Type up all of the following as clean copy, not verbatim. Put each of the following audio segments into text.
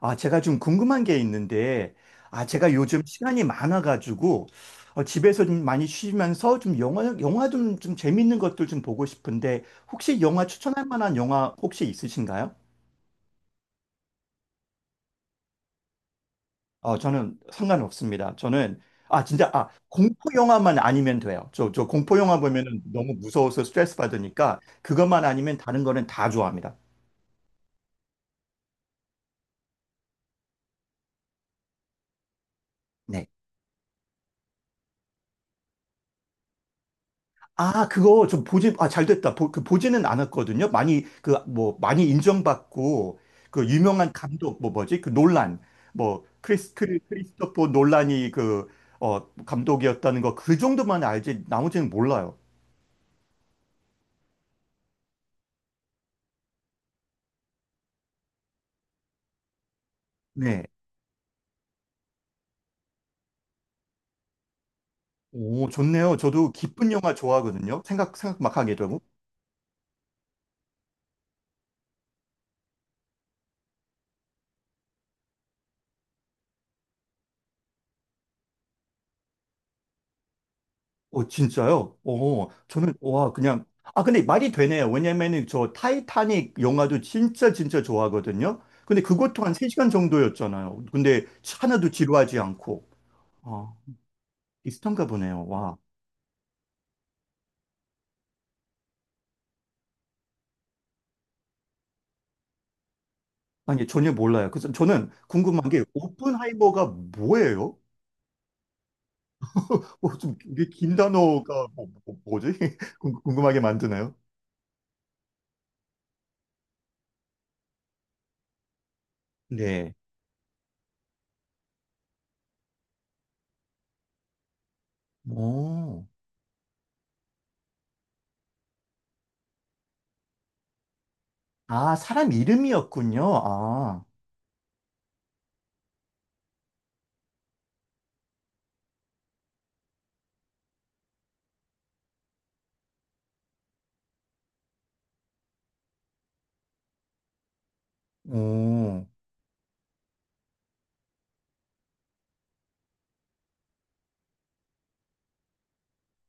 아, 제가 좀 궁금한 게 있는데, 아, 제가 요즘 시간이 많아가지고, 집에서 좀 많이 쉬면서 좀 영화 좀, 좀 재밌는 것들 좀 보고 싶은데, 혹시 영화 추천할 만한 영화 혹시 있으신가요? 저는 상관없습니다. 저는, 아, 진짜, 아, 공포 영화만 아니면 돼요. 저 공포 영화 보면은 너무 무서워서 스트레스 받으니까, 그것만 아니면 다른 거는 다 좋아합니다. 네. 아, 그거 좀 아, 잘 됐다. 그 보지는 않았거든요. 많이, 그, 뭐, 많이 인정받고, 그 유명한 감독, 뭐, 뭐지? 그 놀란, 뭐, 크리스토퍼 놀란이 그, 감독이었다는 거, 그 정도만 알지, 나머지는 몰라요. 네. 오, 좋네요. 저도 기쁜 영화 좋아하거든요. 생각 막 하게 되고. 진짜요? 저는, 와, 그냥, 아, 근데 말이 되네요. 왜냐면은 저 타이타닉 영화도 진짜 진짜 좋아하거든요. 근데 그것도 한 3시간 정도였잖아요. 근데 하나도 지루하지 않고. 아, 비슷한가 보네요. 와. 아니, 전혀 몰라요. 그래서 저는 궁금한 게, 오픈하이머가 뭐예요? 좀, 이게 긴 단어가 뭐, 지 궁금하게 만드네요. 네. 오. 아, 사람 이름이었군요. 아, 오.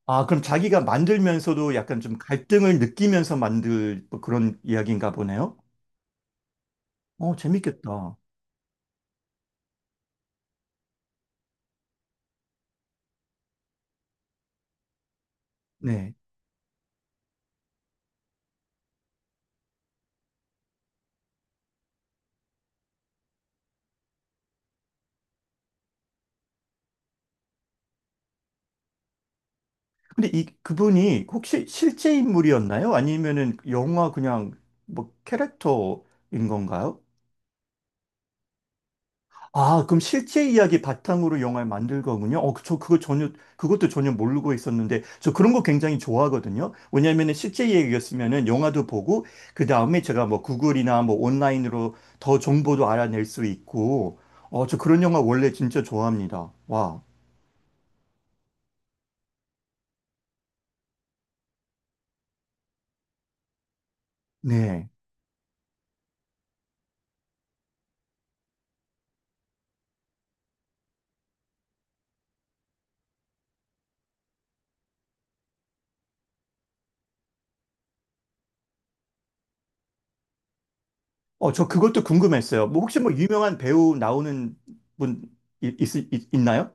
아, 그럼 자기가 만들면서도 약간 좀 갈등을 느끼면서 만들 뭐 그런 이야기인가 보네요? 어, 재밌겠다. 네. 근데 그분이 혹시 실제 인물이었나요? 아니면은 영화 그냥 뭐 캐릭터인 건가요? 아, 그럼 실제 이야기 바탕으로 영화를 만들 거군요. 그것도 전혀 모르고 있었는데, 저 그런 거 굉장히 좋아하거든요. 왜냐면은 실제 이야기였으면은 영화도 보고, 그 다음에 제가 뭐 구글이나 뭐 온라인으로 더 정보도 알아낼 수 있고, 저 그런 영화 원래 진짜 좋아합니다. 와, 네. 저 그것도 궁금했어요. 뭐 혹시 뭐 유명한 배우 나오는 분 있, 있, 있- 있나요?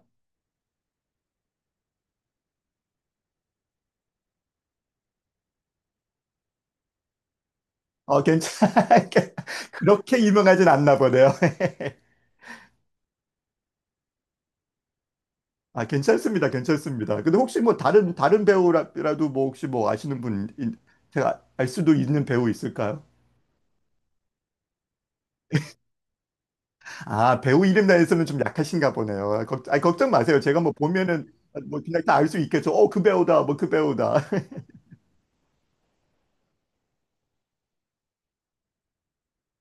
어, 괜찮, 그렇게 유명하진 않나 보네요. 아, 괜찮습니다. 괜찮습니다. 근데 혹시 뭐 다른 배우라도 뭐 혹시 뭐 아시는 분, 제가 알 수도 있는 배우 있을까요? 아, 배우 이름 나에서는 좀 약하신가 보네요. 아, 아니, 걱정 마세요. 제가 뭐 보면은 뭐 그냥 다 알 수 있겠죠. 그 배우다. 뭐 그 배우다.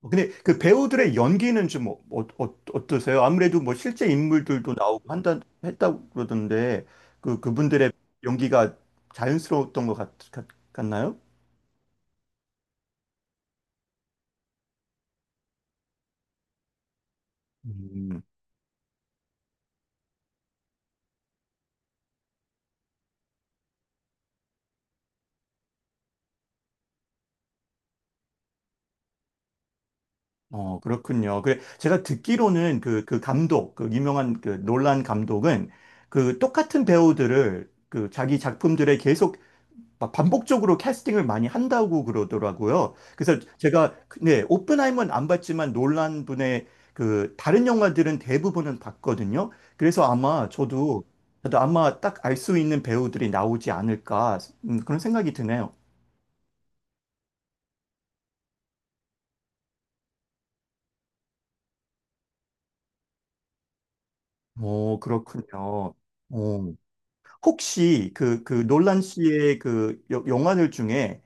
근데 그 배우들의 연기는 좀 어, 떠세요 아무래도 뭐 실제 인물들도 나오고 한다, 했다고 그러던데 그, 그분들의 연기가 자연스러웠던 것 같, 같, 같나요? 음. 그렇군요. 그 제가 듣기로는 그, 감독, 그 유명한 그 놀란 감독은 그 똑같은 배우들을 그 자기 작품들에 계속 막 반복적으로 캐스팅을 많이 한다고 그러더라고요. 그래서 제가, 네, 오펜하이머는 안 봤지만 놀란 분의 그 다른 영화들은 대부분은 봤거든요. 그래서 아마 저도, 아마 딱 알 수 있는 배우들이 나오지 않을까, 그런 생각이 드네요. 오, 그렇군요. 어, 혹시 그, 놀란 씨의 그 영화들 중에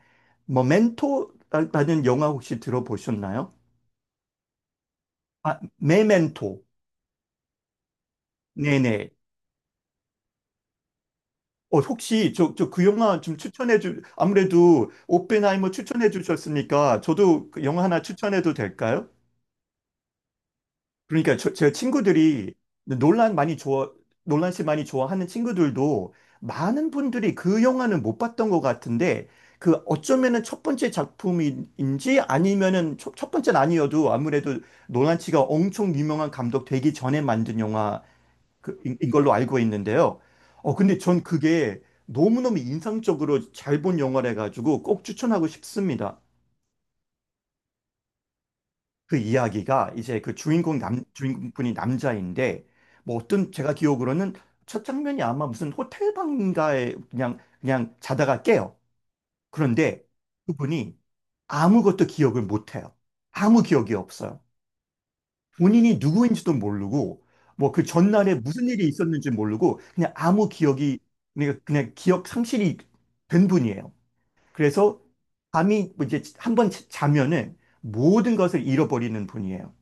모멘토라는 영화 혹시 들어보셨나요? 아, 메멘토. 네네. 혹시 저 그 영화 좀 아무래도 오펜하이머 추천해 주셨으니까 저도 그 영화 하나 추천해도 될까요? 그러니까 제 친구들이 논란 많이 좋아, 논란 씨 많이 좋아하는 친구들도 많은 분들이 그 영화는 못 봤던 것 같은데 그 어쩌면은 첫 번째 작품인지 아니면은 첫 번째는 아니어도 아무래도 논란 씨가 엄청 유명한 감독 되기 전에 만든 영화 인 걸로 알고 있는데요. 근데 전 그게 너무너무 인상적으로 잘 본 영화라 가지고 꼭 추천하고 싶습니다. 그 이야기가 이제 그 주인공분이 남자인데, 뭐 어떤 제가 기억으로는 첫 장면이 아마 무슨 호텔 방인가에 그냥 자다가 깨요. 그런데 그분이 아무것도 기억을 못해요. 아무 기억이 없어요. 본인이 누구인지도 모르고, 뭐 그 전날에 무슨 일이 있었는지 모르고, 그냥 기억 상실이 된 분이에요. 그래서 밤이 뭐 이제 한 번 자면은 모든 것을 잃어버리는 분이에요.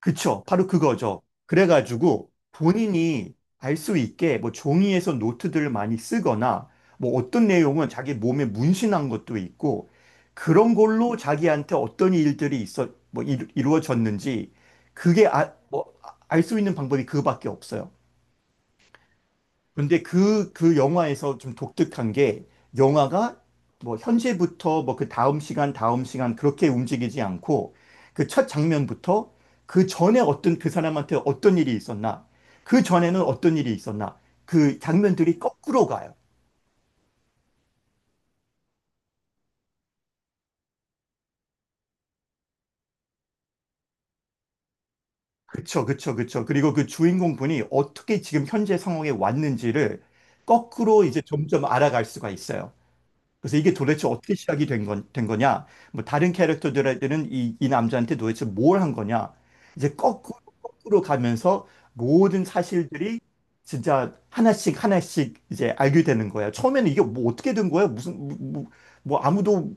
그쵸. 바로 그거죠. 그래가지고 본인이 알 수 있게 뭐 종이에서 노트들을 많이 쓰거나 뭐 어떤 내용은 자기 몸에 문신한 것도 있고 그런 걸로 자기한테 어떤 일들이 있어, 뭐 이루, 어졌는지 그게 아, 뭐, 알 수 있는 방법이 그거밖에 없어요. 근데 그, 영화에서 좀 독특한 게 영화가 뭐 현재부터 뭐 그 다음 시간 그렇게 움직이지 않고 그 첫 장면부터 그 전에 어떤 그 사람한테 어떤 일이 있었나, 그 전에는 어떤 일이 있었나, 그 장면들이 거꾸로 가요. 그쵸, 그쵸, 그쵸. 그리고 그 주인공 분이 어떻게 지금 현재 상황에 왔는지를 거꾸로 이제 점점 알아갈 수가 있어요. 그래서 이게 도대체 어떻게 시작이 된 거냐? 뭐 다른 캐릭터들한테는 이 남자한테 도대체 뭘 한 거냐? 이제 거꾸로, 거꾸로 가면서 모든 사실들이 진짜 하나씩 하나씩 이제 알게 되는 거야. 처음에는 이게 뭐 어떻게 된 거야? 무슨 뭐 아무도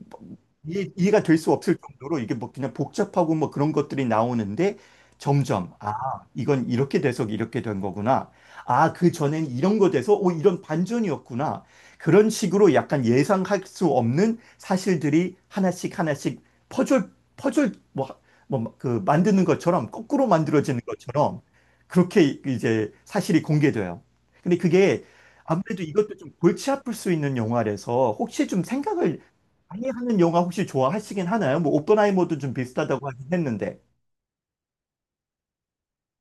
이해가 될 수 없을 정도로 이게 뭐 그냥 복잡하고 뭐 그런 것들이 나오는데 점점 아 이건 이렇게 돼서 이렇게 된 거구나. 아 그 전엔 이런 거 돼서 오 이런 반전이었구나. 그런 식으로 약간 예상할 수 없는 사실들이 하나씩 하나씩 퍼즐, 퍼즐 만드는 것처럼, 거꾸로 만들어지는 것처럼, 그렇게 이제 사실이 공개돼요. 근데 그게 아무래도 이것도 좀 골치 아플 수 있는 영화라서, 혹시 좀 생각을 많이 하는 영화 혹시 좋아하시긴 하나요? 뭐, 오펜하이머도 좀 비슷하다고 하긴 했는데.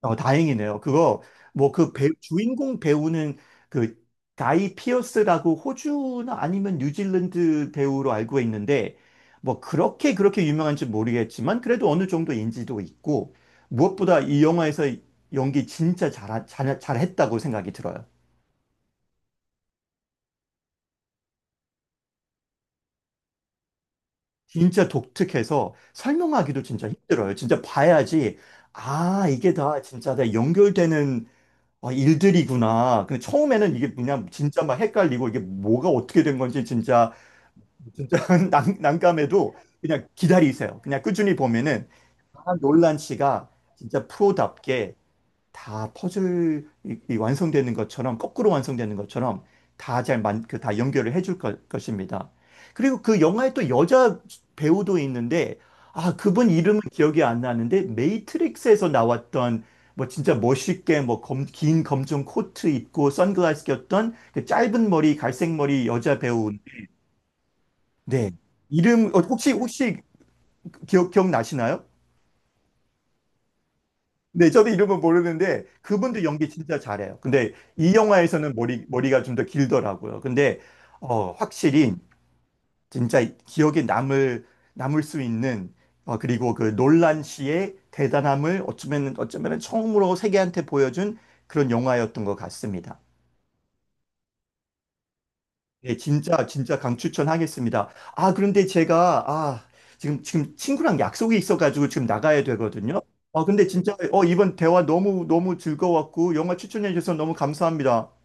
다행이네요. 그거, 뭐, 주인공 배우는 그, 가이 피어스라고 호주나 아니면 뉴질랜드 배우로 알고 있는데, 뭐, 그렇게 그렇게 유명한지 모르겠지만, 그래도 어느 정도 인지도 있고, 무엇보다 이 영화에서 연기 진짜 잘, 잘, 잘했다고 생각이 들어요. 진짜 독특해서 설명하기도 진짜 힘들어요. 진짜 봐야지, 아, 이게 다 진짜 다 연결되는 아, 일들이구나. 근데 처음에는 이게 그냥 진짜 막 헷갈리고 이게 뭐가 어떻게 된 건지 진짜 진짜 난감해도 그냥 기다리세요. 그냥 꾸준히 보면은 아, 놀란 씨가 진짜 프로답게 다 퍼즐이 이 완성되는 것처럼 거꾸로 완성되는 것처럼 다 잘만그다 연결을 해줄 것입니다. 그리고 그 영화에 또 여자 배우도 있는데 아 그분 이름은 기억이 안 나는데 메이트릭스에서 나왔던 뭐 진짜 멋있게 뭐 긴 검정 코트 입고 선글라스 꼈던 그 짧은 머리 갈색 머리 여자 배우 네 이름 혹시 기억나시나요? 네, 저도 이름은 모르는데 그분도 연기 진짜 잘해요. 근데 이 영화에서는 머리가 좀 더 길더라고요. 근데 확실히 진짜 기억에 남을 수 있는 그리고 그 놀란 씨의 대단함을 어쩌면 어쩌면 처음으로 세계한테 보여준 그런 영화였던 것 같습니다. 네, 진짜, 진짜 강추천하겠습니다. 아, 그런데 아, 지금 친구랑 약속이 있어가지고 지금 나가야 되거든요. 근데 진짜, 이번 대화 너무, 너무 즐거웠고, 영화 추천해주셔서 너무 감사합니다.